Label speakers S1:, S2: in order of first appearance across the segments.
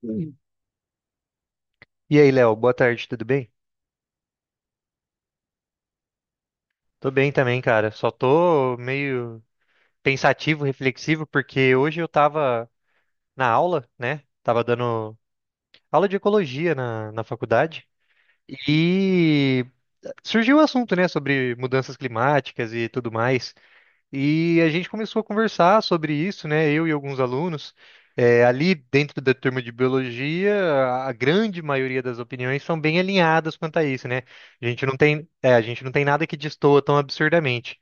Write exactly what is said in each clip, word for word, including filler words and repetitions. S1: Sim. E aí, Léo, boa tarde, tudo bem? Tô bem também, cara. Só tô meio pensativo, reflexivo, porque hoje eu tava na aula, né? Tava dando aula de ecologia na, na faculdade e surgiu o assunto, né, sobre mudanças climáticas e tudo mais. E a gente começou a conversar sobre isso, né? Eu e alguns alunos. É, ali dentro da turma de biologia, a grande maioria das opiniões são bem alinhadas quanto a isso, né? A gente não tem, é, a gente não tem nada que destoa tão absurdamente.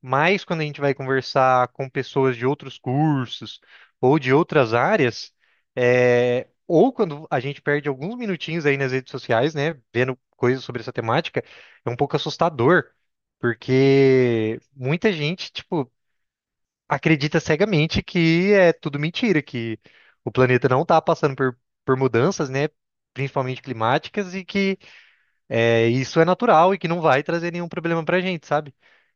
S1: Mas quando a gente vai conversar com pessoas de outros cursos ou de outras áreas, é, ou quando a gente perde alguns minutinhos aí nas redes sociais, né? Vendo coisas sobre essa temática, é um pouco assustador. Porque muita gente, tipo, acredita cegamente que é tudo mentira, que o planeta não está passando por, por mudanças, né? Principalmente climáticas, e que é, isso é natural e que não vai trazer nenhum problema pra gente, sabe?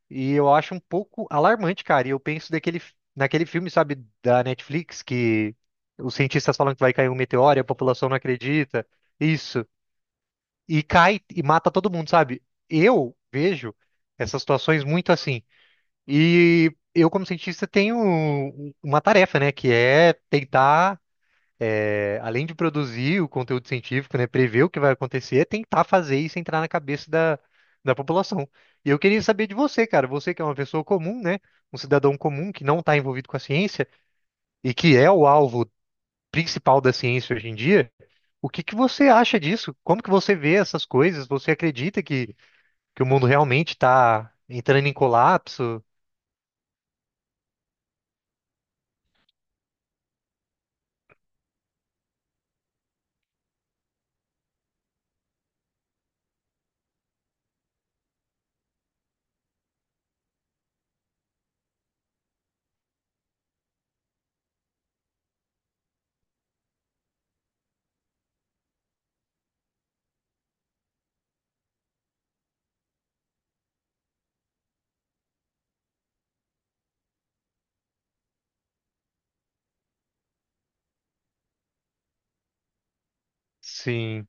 S1: E eu acho um pouco alarmante, cara. E eu penso daquele, naquele filme, sabe, da Netflix, que os cientistas falam que vai cair um meteoro e a população não acredita. Isso. E cai e mata todo mundo, sabe? Eu vejo essas situações muito assim. E eu, como cientista, tenho um- uma tarefa, né, que é tentar, é, além de produzir o conteúdo científico, né, prever o que vai acontecer, é tentar fazer isso entrar na cabeça da, da população. E eu queria saber de você, cara, você que é uma pessoa comum, né, um cidadão comum que não está envolvido com a ciência e que é o alvo principal da ciência hoje em dia, o que que você acha disso? Como que você vê essas coisas? Você acredita que, que o mundo realmente está entrando em colapso? Sim.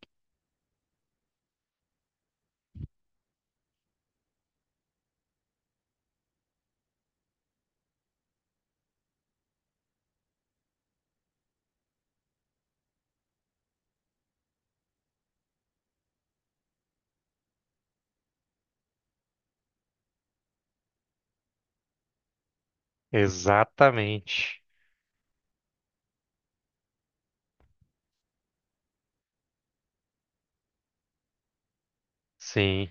S1: Exatamente. Sim.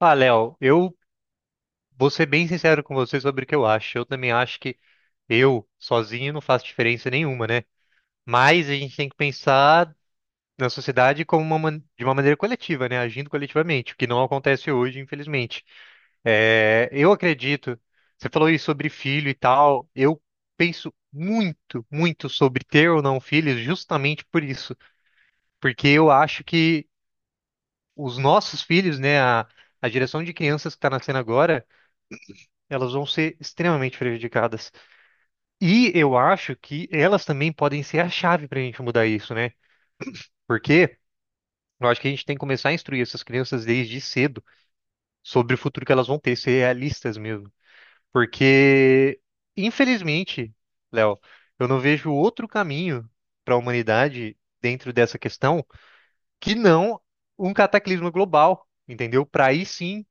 S1: Ah, Léo, eu vou ser bem sincero com você sobre o que eu acho. Eu também acho que eu, sozinho, não faço diferença nenhuma, né? Mas a gente tem que pensar na sociedade como uma, man- de uma maneira coletiva, né? Agindo coletivamente, o que não acontece hoje, infelizmente. É, eu acredito, você falou aí sobre filho e tal, eu penso muito, muito sobre ter ou não filhos justamente por isso. Porque eu acho que os nossos filhos, né, a, a geração de crianças que está nascendo agora, elas vão ser extremamente prejudicadas. E eu acho que elas também podem ser a chave para a gente mudar isso, né? Porque eu acho que a gente tem que começar a instruir essas crianças desde cedo sobre o futuro que elas vão ter, ser realistas mesmo. Porque, infelizmente, Léo, eu não vejo outro caminho para a humanidade dentro dessa questão que não um cataclismo global, entendeu? Para aí sim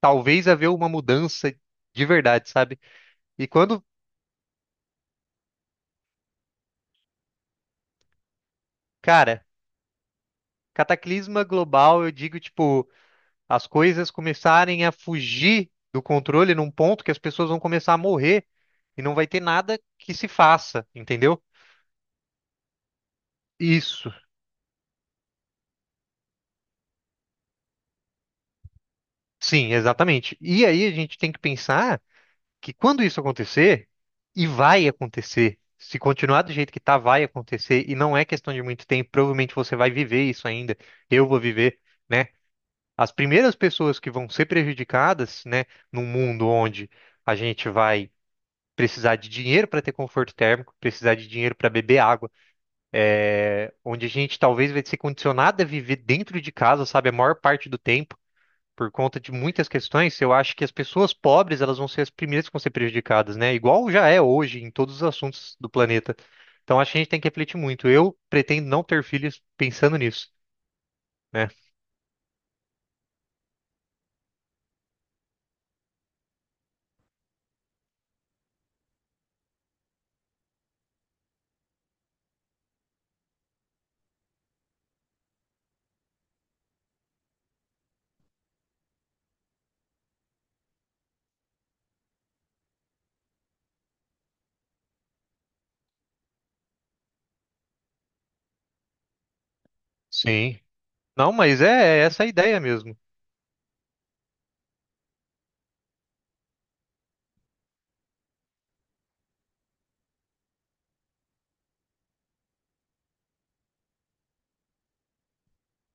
S1: talvez haver uma mudança de verdade, sabe? E quando, cara, cataclisma global, eu digo, tipo, as coisas começarem a fugir do controle num ponto que as pessoas vão começar a morrer e não vai ter nada que se faça, entendeu? Isso, sim, exatamente. E aí a gente tem que pensar que quando isso acontecer, e vai acontecer, se continuar do jeito que tá, vai acontecer, e não é questão de muito tempo, provavelmente você vai viver isso ainda, eu vou viver né? As primeiras pessoas que vão ser prejudicadas, né, num mundo onde a gente vai precisar de dinheiro para ter conforto térmico, precisar de dinheiro para beber água, é, onde a gente talvez vai ser condicionado a viver dentro de casa, sabe, a maior parte do tempo, por conta de muitas questões, eu acho que as pessoas pobres, elas vão ser as primeiras que vão ser prejudicadas, né? Igual já é hoje em todos os assuntos do planeta. Então acho que a gente tem que refletir muito. Eu pretendo não ter filhos pensando nisso, né? Sim. Não, mas é, é essa a ideia mesmo.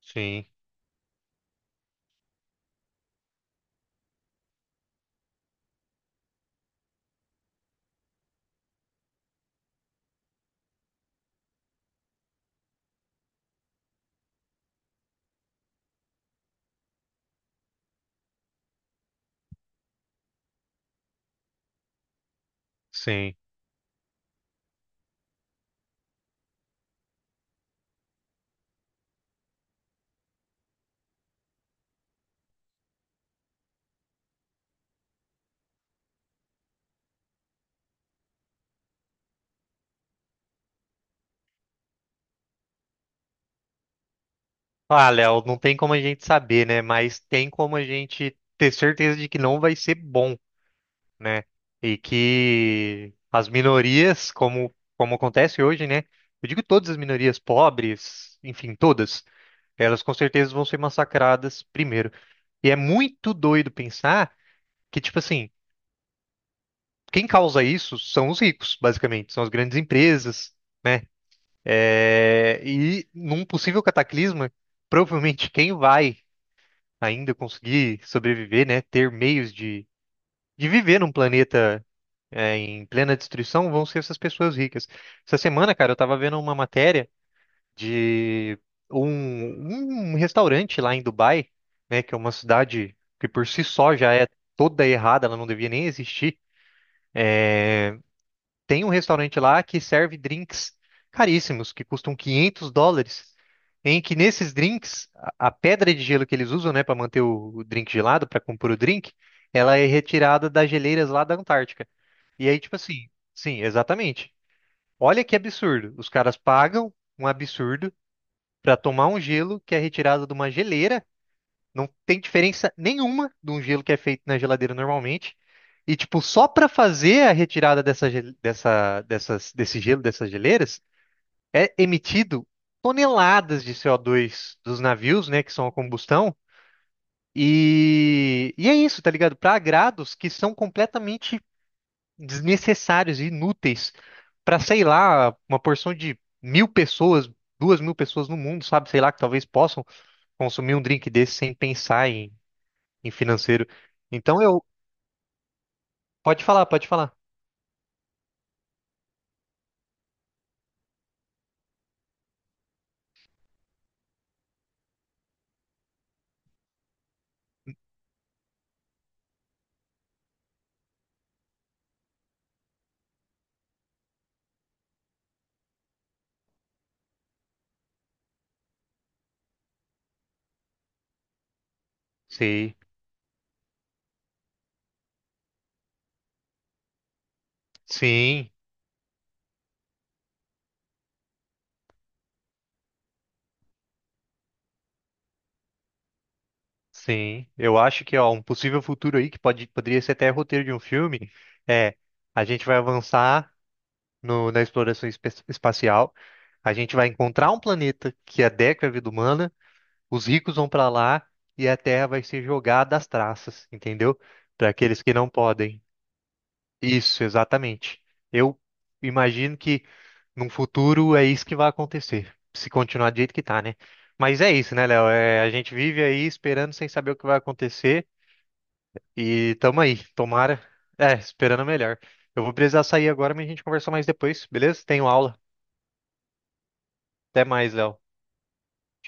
S1: Sim, sim. Ah, Léo, não tem como a gente saber, né? Mas tem como a gente ter certeza de que não vai ser bom, né? E que as minorias, como, como acontece hoje, né? Eu digo todas as minorias, pobres, enfim, todas, elas com certeza vão ser massacradas primeiro. E é muito doido pensar que, tipo assim, quem causa isso são os ricos, basicamente, são as grandes empresas, né? É, e num possível cataclisma, provavelmente quem vai ainda conseguir sobreviver, né? Ter meios de, de viver num planeta é, em plena destruição vão ser essas pessoas ricas. Essa semana, cara, eu tava vendo uma matéria de um, um restaurante lá em Dubai, né? Que é uma cidade que por si só já é toda errada, ela não devia nem existir. Tem um restaurante lá que serve drinks caríssimos, que custam quinhentos dólares, em que nesses drinks, a a pedra de gelo que eles usam, né, para manter o o drink gelado, para compor o drink, ela é retirada das geleiras lá da Antártica. E aí, tipo assim, sim, exatamente. Olha que absurdo. Os caras pagam um absurdo para tomar um gelo que é retirado de uma geleira. Não tem diferença nenhuma de um gelo que é feito na geladeira normalmente. E, tipo, só para fazer a retirada dessa, gel- dessa, dessas, desse gelo, dessas geleiras, é emitido toneladas de C O dois dos navios, né, que são a combustão. E, e é isso, tá ligado? Para agrados que são completamente desnecessários e inúteis para, sei lá, uma porção de mil pessoas, duas mil pessoas no mundo, sabe? Sei lá, que talvez possam consumir um drink desse sem pensar em, em financeiro. Então eu. Pode falar, pode falar. Sim, sim. Sim, eu acho que ó, um possível futuro aí que pode, poderia ser até roteiro de um filme é a gente vai avançar no- na exploração espe- espacial, a gente vai encontrar um planeta que adequa à vida humana, os ricos vão para lá e a Terra vai ser jogada às traças, entendeu? Para aqueles que não podem. Isso, exatamente. Eu imagino que num futuro é isso que vai acontecer, se continuar do jeito que tá, né? Mas é isso, né, Léo? É, a gente vive aí esperando sem saber o que vai acontecer. E tamo aí, tomara. É, esperando o melhor. Eu vou precisar sair agora, mas a gente conversa mais depois, beleza? Tenho aula. Até mais, Léo.